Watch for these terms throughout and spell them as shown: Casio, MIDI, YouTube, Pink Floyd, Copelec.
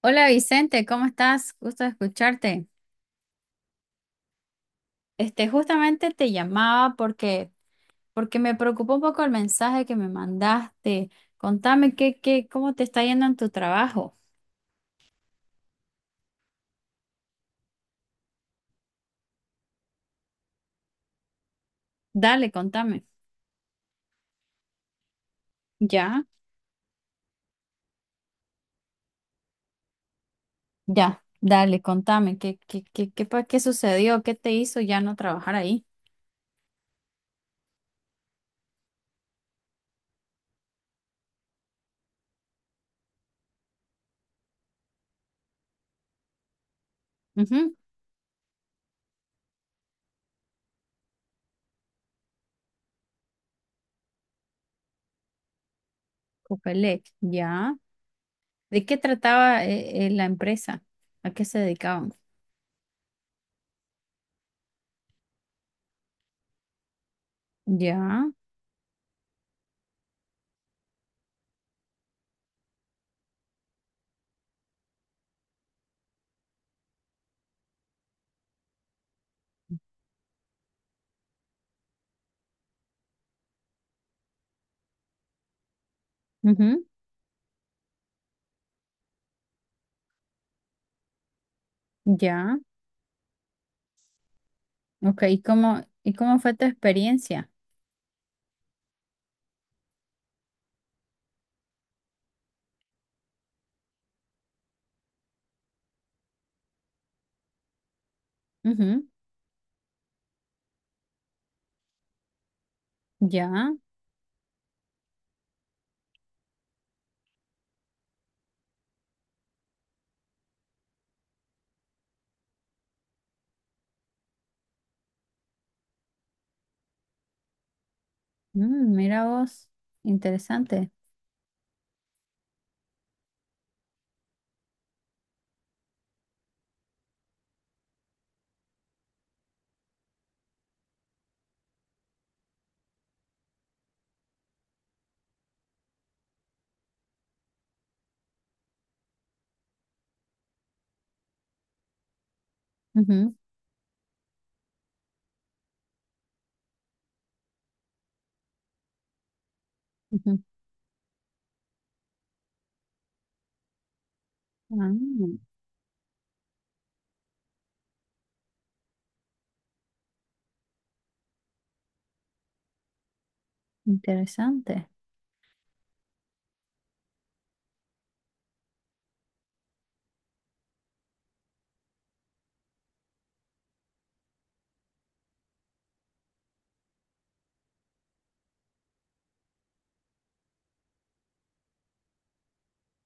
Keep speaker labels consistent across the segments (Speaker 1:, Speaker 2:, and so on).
Speaker 1: Hola Vicente, ¿cómo estás? Gusto de escucharte. Justamente te llamaba porque me preocupó un poco el mensaje que me mandaste. Contame cómo te está yendo en tu trabajo. Dale, contame. Ya, ya, dale, contame qué sucedió, qué te hizo ya no trabajar ahí. Ujú, Copelec, ya. ¿De qué trataba la empresa? ¿A qué se dedicaban? Ya, ujú, ya. Ok, ¿y cómo fue tu experiencia? Ujú, ya. Mm, mira vos, interesante. Ujú, ujú. Ah, interesante.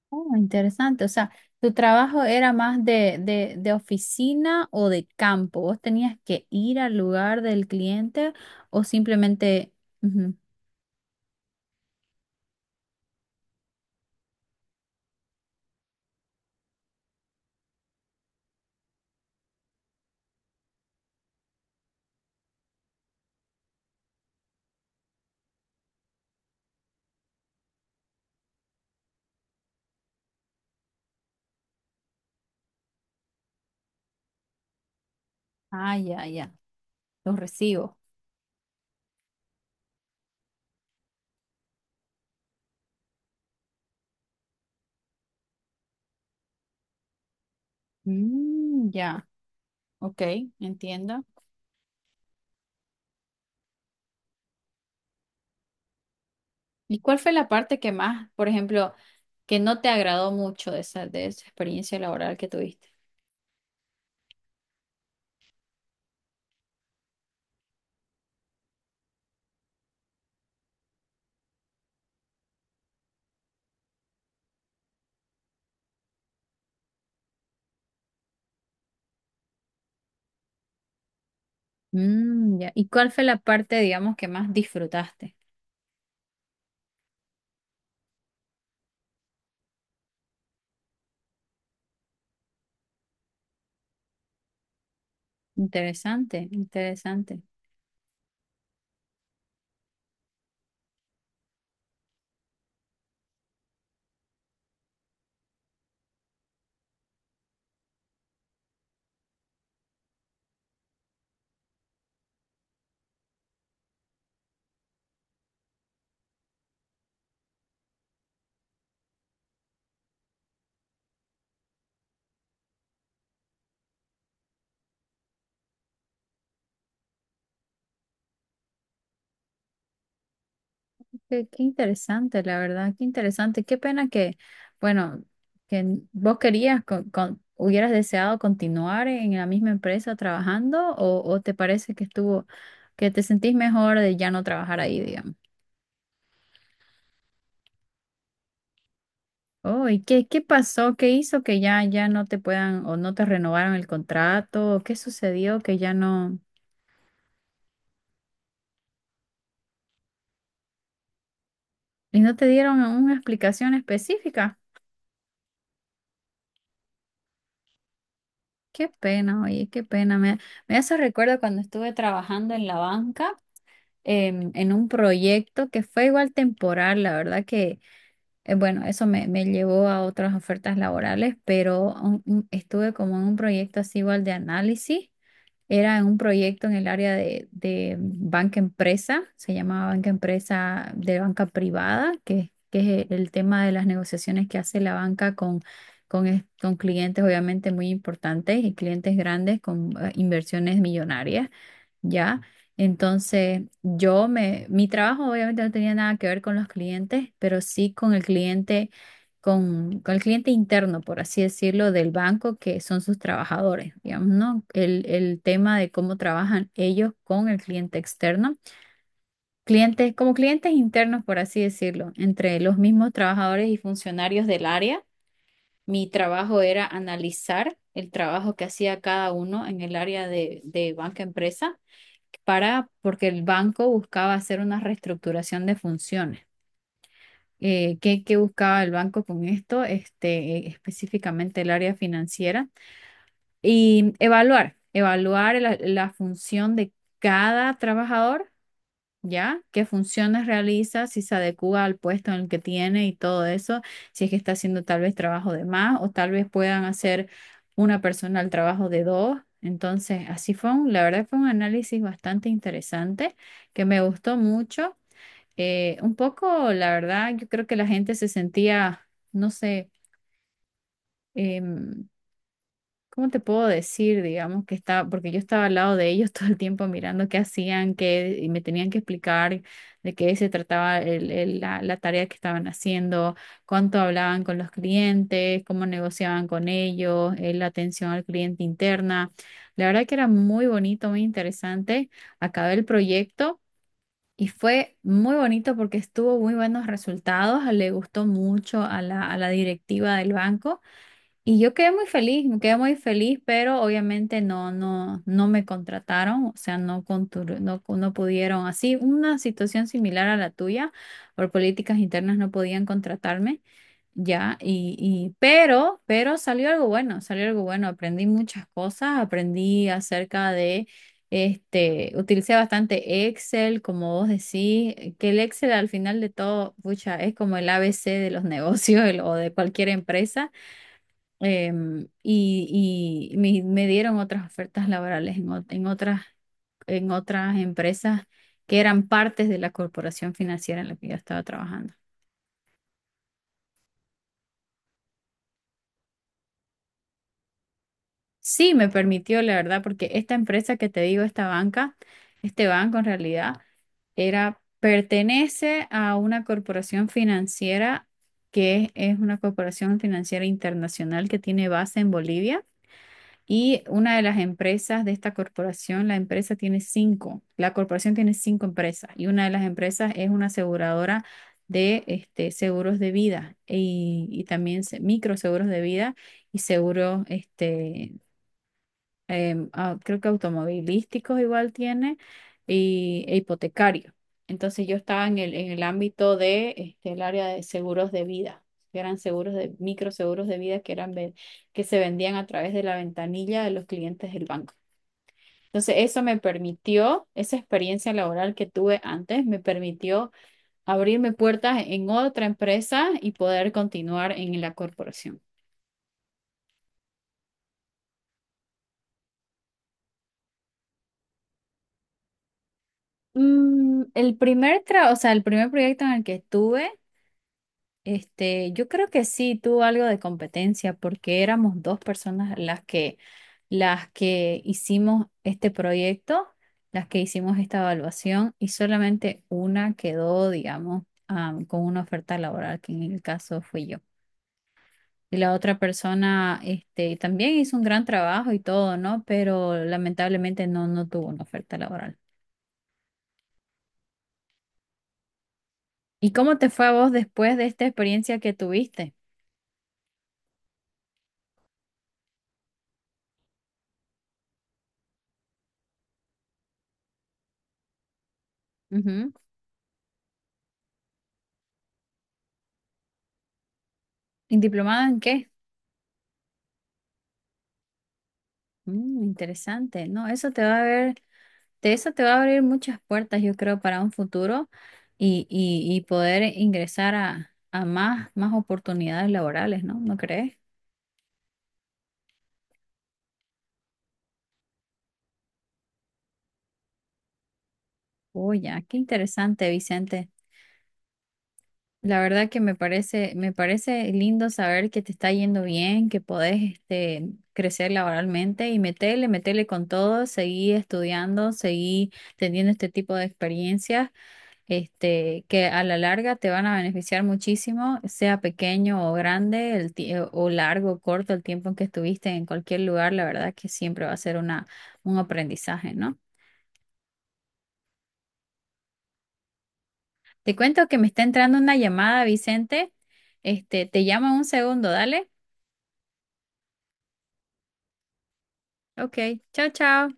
Speaker 1: Oh, interesante. O sea, ¿tu trabajo era más de oficina o de campo? ¿Vos tenías que ir al lugar del cliente o simplemente... ujú. Ah, ya, los recibo. Mm, ya, ok, entiendo. ¿Y cuál fue la parte que más, por ejemplo, que no te agradó mucho de de esa experiencia laboral que tuviste? Mm, ya. ¿Y cuál fue la parte, digamos, que más disfrutaste? Interesante. Qué interesante, la verdad, qué interesante. Qué pena que, bueno, que vos querías, hubieras deseado continuar en la misma empresa trabajando o te parece que estuvo, que te sentís mejor de ya no trabajar ahí, digamos. Oh, ¿y qué pasó? ¿Qué hizo que ya no te puedan o no te renovaron el contrato? ¿Qué sucedió que ya no... Y no te dieron una explicación específica. Qué pena, oye, qué pena. Me hace recuerdo cuando estuve trabajando en la banca, en un proyecto que fue igual temporal, la verdad que, bueno, eso me llevó a otras ofertas laborales, pero estuve como en un proyecto así igual de análisis. Era un proyecto en el área de banca empresa, se llamaba banca empresa de banca privada, que es el tema de las negociaciones que hace la banca con clientes obviamente muy importantes y clientes grandes con inversiones millonarias, ¿ya? Entonces, mi trabajo obviamente no tenía nada que ver con los clientes, pero sí con el cliente con el cliente interno, por así decirlo, del banco, que son sus trabajadores, digamos, ¿no? El tema de cómo trabajan ellos con el cliente externo. Clientes, como clientes internos, por así decirlo, entre los mismos trabajadores y funcionarios del área. Mi trabajo era analizar el trabajo que hacía cada uno en el área de banca empresa para, porque el banco buscaba hacer una reestructuración de funciones qué, qué buscaba el banco con esto, este, específicamente el área financiera, y evaluar la función de cada trabajador, ¿ya? ¿Qué funciones realiza, si se adecua al puesto en el que tiene y todo eso, si es que está haciendo tal vez trabajo de más o tal vez puedan hacer una persona el trabajo de dos. Entonces, así fue la verdad fue un análisis bastante interesante que me gustó mucho. Un poco, la verdad, yo creo que la gente se sentía, no sé, em, ¿cómo te puedo decir? Digamos que estaba, porque yo estaba al lado de ellos todo el tiempo mirando qué hacían, qué, y me tenían que explicar de qué se trataba la tarea que estaban haciendo, cuánto hablaban con los clientes, cómo negociaban con ellos, la atención al cliente interna. La verdad que era muy bonito, muy interesante. Acabé el proyecto. Y fue muy bonito porque estuvo muy buenos resultados, le gustó mucho a a la directiva del banco y yo quedé muy feliz, me quedé muy feliz, pero obviamente no me contrataron, o sea, no pudieron, así una situación similar a la tuya, por políticas internas no podían contratarme. Ya, pero salió algo bueno, salió algo bueno. Aprendí muchas cosas, aprendí acerca de, este, utilicé bastante Excel, como vos decís, que el Excel al final de todo, pucha, es como el ABC de los negocios o de cualquier empresa. Y me dieron otras ofertas laborales en, en otras empresas que eran partes de la corporación financiera en la que yo estaba trabajando. Sí, me permitió, la verdad, porque esta empresa que te digo, esta banca, este banco en realidad, era, pertenece a una corporación financiera que es una corporación financiera internacional que tiene base en Bolivia y una de las empresas de esta corporación, la empresa tiene cinco, la corporación tiene cinco empresas y una de las empresas es una aseguradora de este, seguros de vida y también microseguros de vida y seguros creo que automovilísticos igual tiene, e hipotecario. Entonces yo estaba en el ámbito de, este, el área de seguros de vida, que eran seguros de, microseguros de vida que eran, que se vendían a través de la ventanilla de los clientes del banco. Entonces eso me permitió, esa experiencia laboral que tuve antes, me permitió abrirme puertas en otra empresa y poder continuar en la corporación. Mm, el o sea, el primer proyecto en el que estuve. Este, yo creo que sí tuvo algo de competencia porque éramos dos personas las que hicimos este proyecto, las que hicimos esta evaluación y solamente una quedó, digamos, am, con una oferta laboral, que en el caso fui yo. Y la otra persona, este, también hizo un gran trabajo y todo, ¿no? Pero lamentablemente no tuvo una oferta laboral. ¿Y cómo te fue a vos después de esta experiencia que tuviste? Ujú. ¿Y diplomada en qué? Mm, interesante, ¿no? Eso te va a ver, de eso te va a abrir muchas puertas, yo creo, para un futuro y poder ingresar a más, más oportunidades laborales, ¿no? ¿No crees? Oye, qué interesante, Vicente. La verdad que me parece lindo saber que te está yendo bien, que podés este, crecer laboralmente y metele, metele con todo, seguí estudiando, seguí teniendo este tipo de experiencias, este, que a la larga te van a beneficiar muchísimo, sea pequeño o grande, o largo o corto el tiempo en que estuviste en cualquier lugar, la verdad que siempre va a ser una, un aprendizaje, ¿no? Te cuento que me está entrando una llamada, Vicente. Este, te llamo en un segundo, dale. Ok, chao, chao.